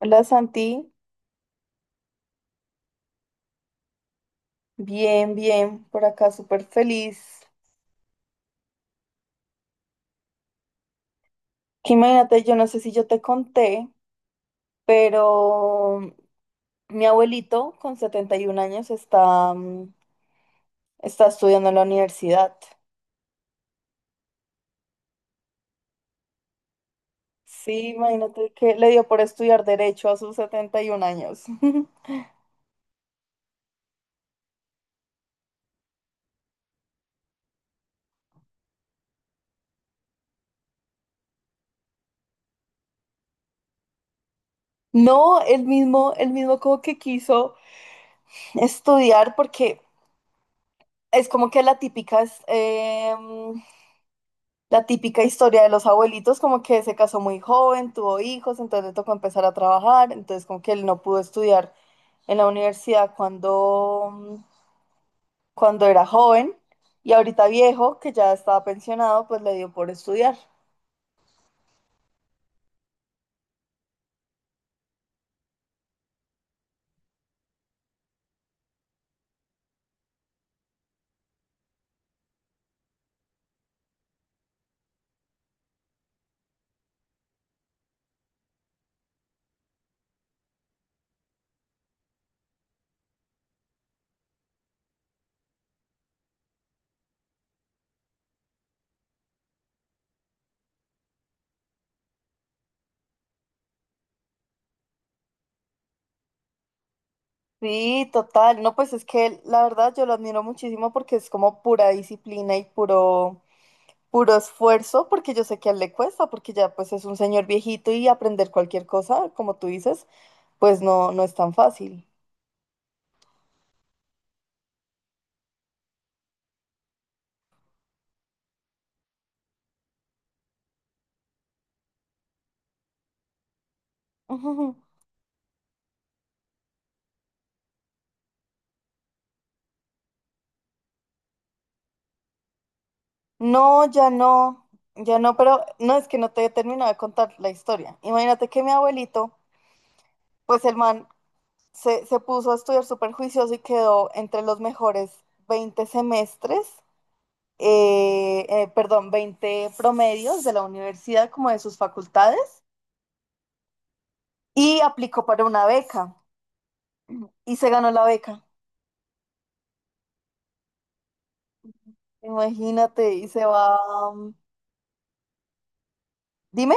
Hola Santi, bien, bien, por acá súper feliz. Que imagínate, yo no sé si yo te conté, pero mi abuelito con 71 años está, está estudiando en la universidad. Sí, imagínate que le dio por estudiar derecho a sus 71 años. No, el mismo como que quiso estudiar porque es como que la típica historia de los abuelitos, como que se casó muy joven, tuvo hijos, entonces le tocó empezar a trabajar, entonces como que él no pudo estudiar en la universidad cuando era joven y ahorita viejo, que ya estaba pensionado, pues le dio por estudiar. Sí, total. No, pues es que la verdad yo lo admiro muchísimo porque es como pura disciplina y puro esfuerzo, porque yo sé que a él le cuesta, porque ya pues es un señor viejito y aprender cualquier cosa, como tú dices, pues no, no es tan fácil. No, ya no, ya no, pero no es que no te he terminado de contar la historia. Imagínate que mi abuelito, pues el man se puso a estudiar súper juicioso y quedó entre los mejores 20 semestres, perdón, 20 promedios de la universidad, como de sus facultades, y aplicó para una beca y se ganó la beca. Imagínate, y se va. Dime.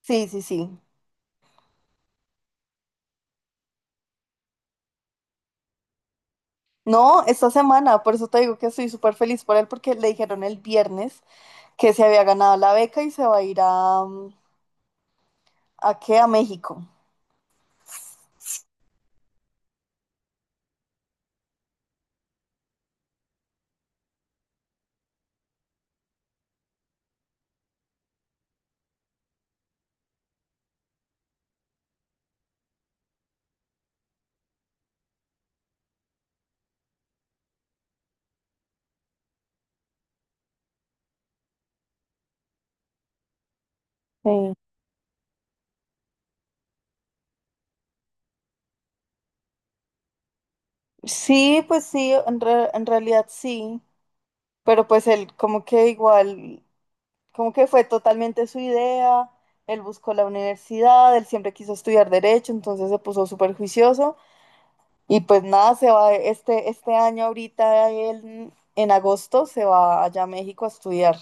Sí, sí, sí. No, esta semana, por eso te digo que estoy súper feliz por él, porque le dijeron el viernes que se había ganado la beca y se va a ir a, ¿a qué? A México. Sí. Sí, pues sí, en realidad sí, pero pues él como que igual, como que fue totalmente su idea, él buscó la universidad, él siempre quiso estudiar derecho, entonces se puso súper juicioso y pues nada, se va este año ahorita, él en agosto se va allá a México a estudiar.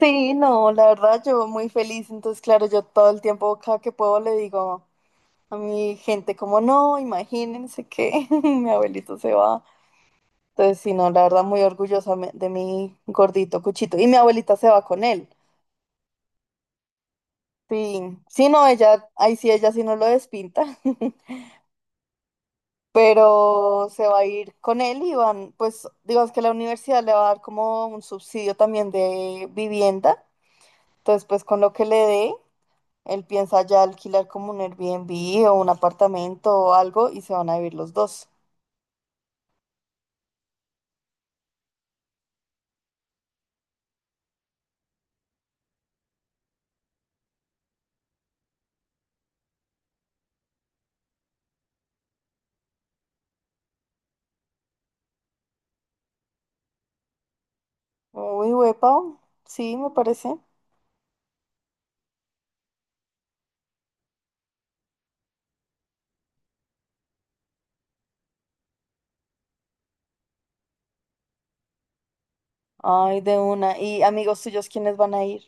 Sí, no, la verdad yo muy feliz, entonces claro, yo todo el tiempo cada que puedo le digo a mi gente como no, imagínense que mi abuelito se va. Entonces, sí, no, la verdad muy orgullosa de mi gordito Cuchito. Y mi abuelita se va con él. Sí, sí, no, ella, ahí sí, ella sí no lo despinta, pero se va a ir con él y van, pues, digamos que la universidad le va a dar como un subsidio también de vivienda. Entonces, pues con lo que le dé, él piensa ya alquilar como un Airbnb o un apartamento o algo y se van a vivir los dos. Uy, huepa, sí, me parece. Ay, de una. ¿Y amigos tuyos quiénes van a ir?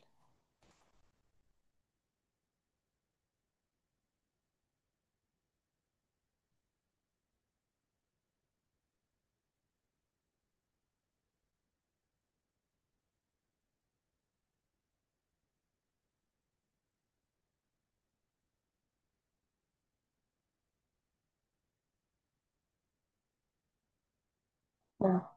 No.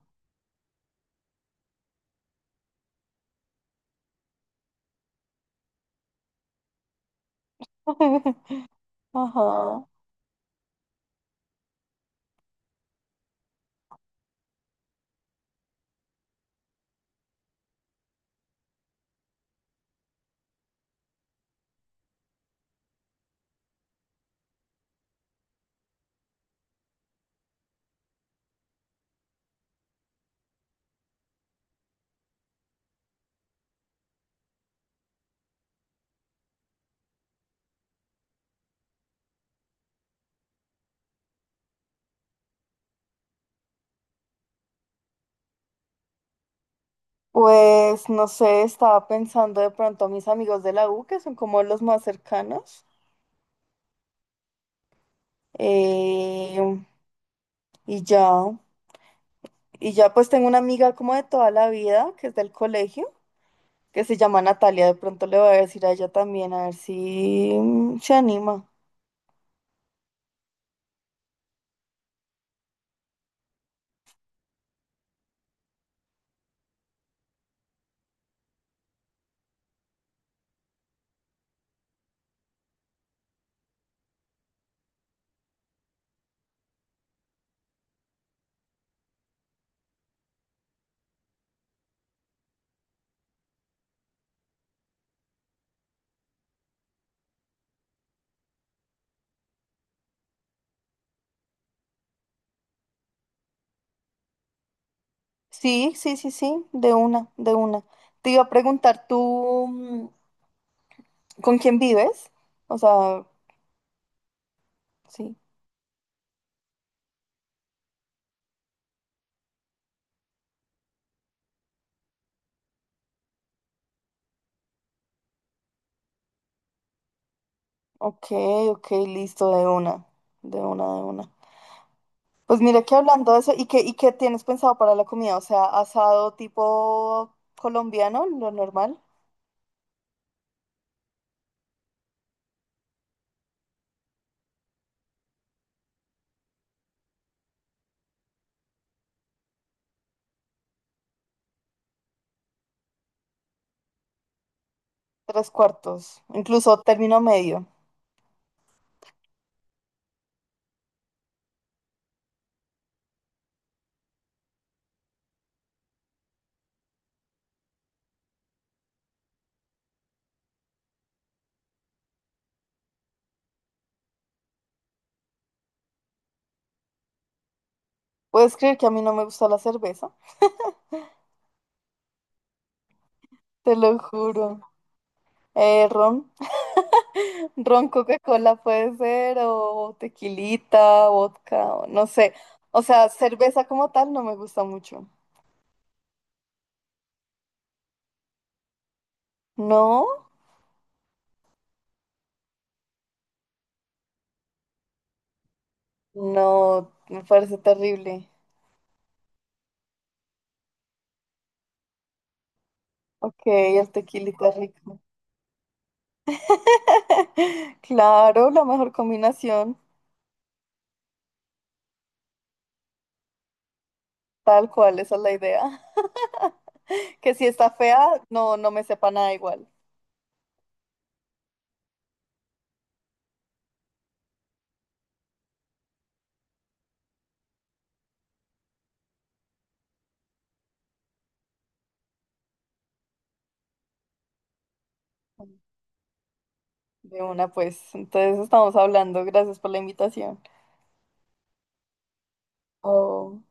Ajá. Pues no sé, estaba pensando de pronto a mis amigos de la U, que son como los más cercanos. Eh, y ya, y ya pues tengo una amiga como de toda la vida, que es del colegio, que se llama Natalia. De pronto le voy a decir a ella también, a ver si se anima. Sí, sí, sí, sí, de una, de una. Te iba a preguntar tú. ¿Con quién vives? O sea, sí. Ok, ok, listo, de una, de una, de una. Pues mira que hablando de eso, y qué tienes pensado para la comida? O sea, asado tipo colombiano, lo normal, tres cuartos, incluso término medio. ¿Puedes creer que a mí no me gusta la cerveza? Te lo juro. Ron, ron Coca-Cola puede ser, o tequilita, vodka, o no sé. O sea, cerveza como tal no me gusta mucho. ¿No? No, me parece terrible. Ok, el tequilita rico. Claro, la mejor combinación, tal cual, esa es la idea. Que si está fea, no, no me sepa nada igual. De una, pues. Entonces estamos hablando. Gracias por la invitación. Oh.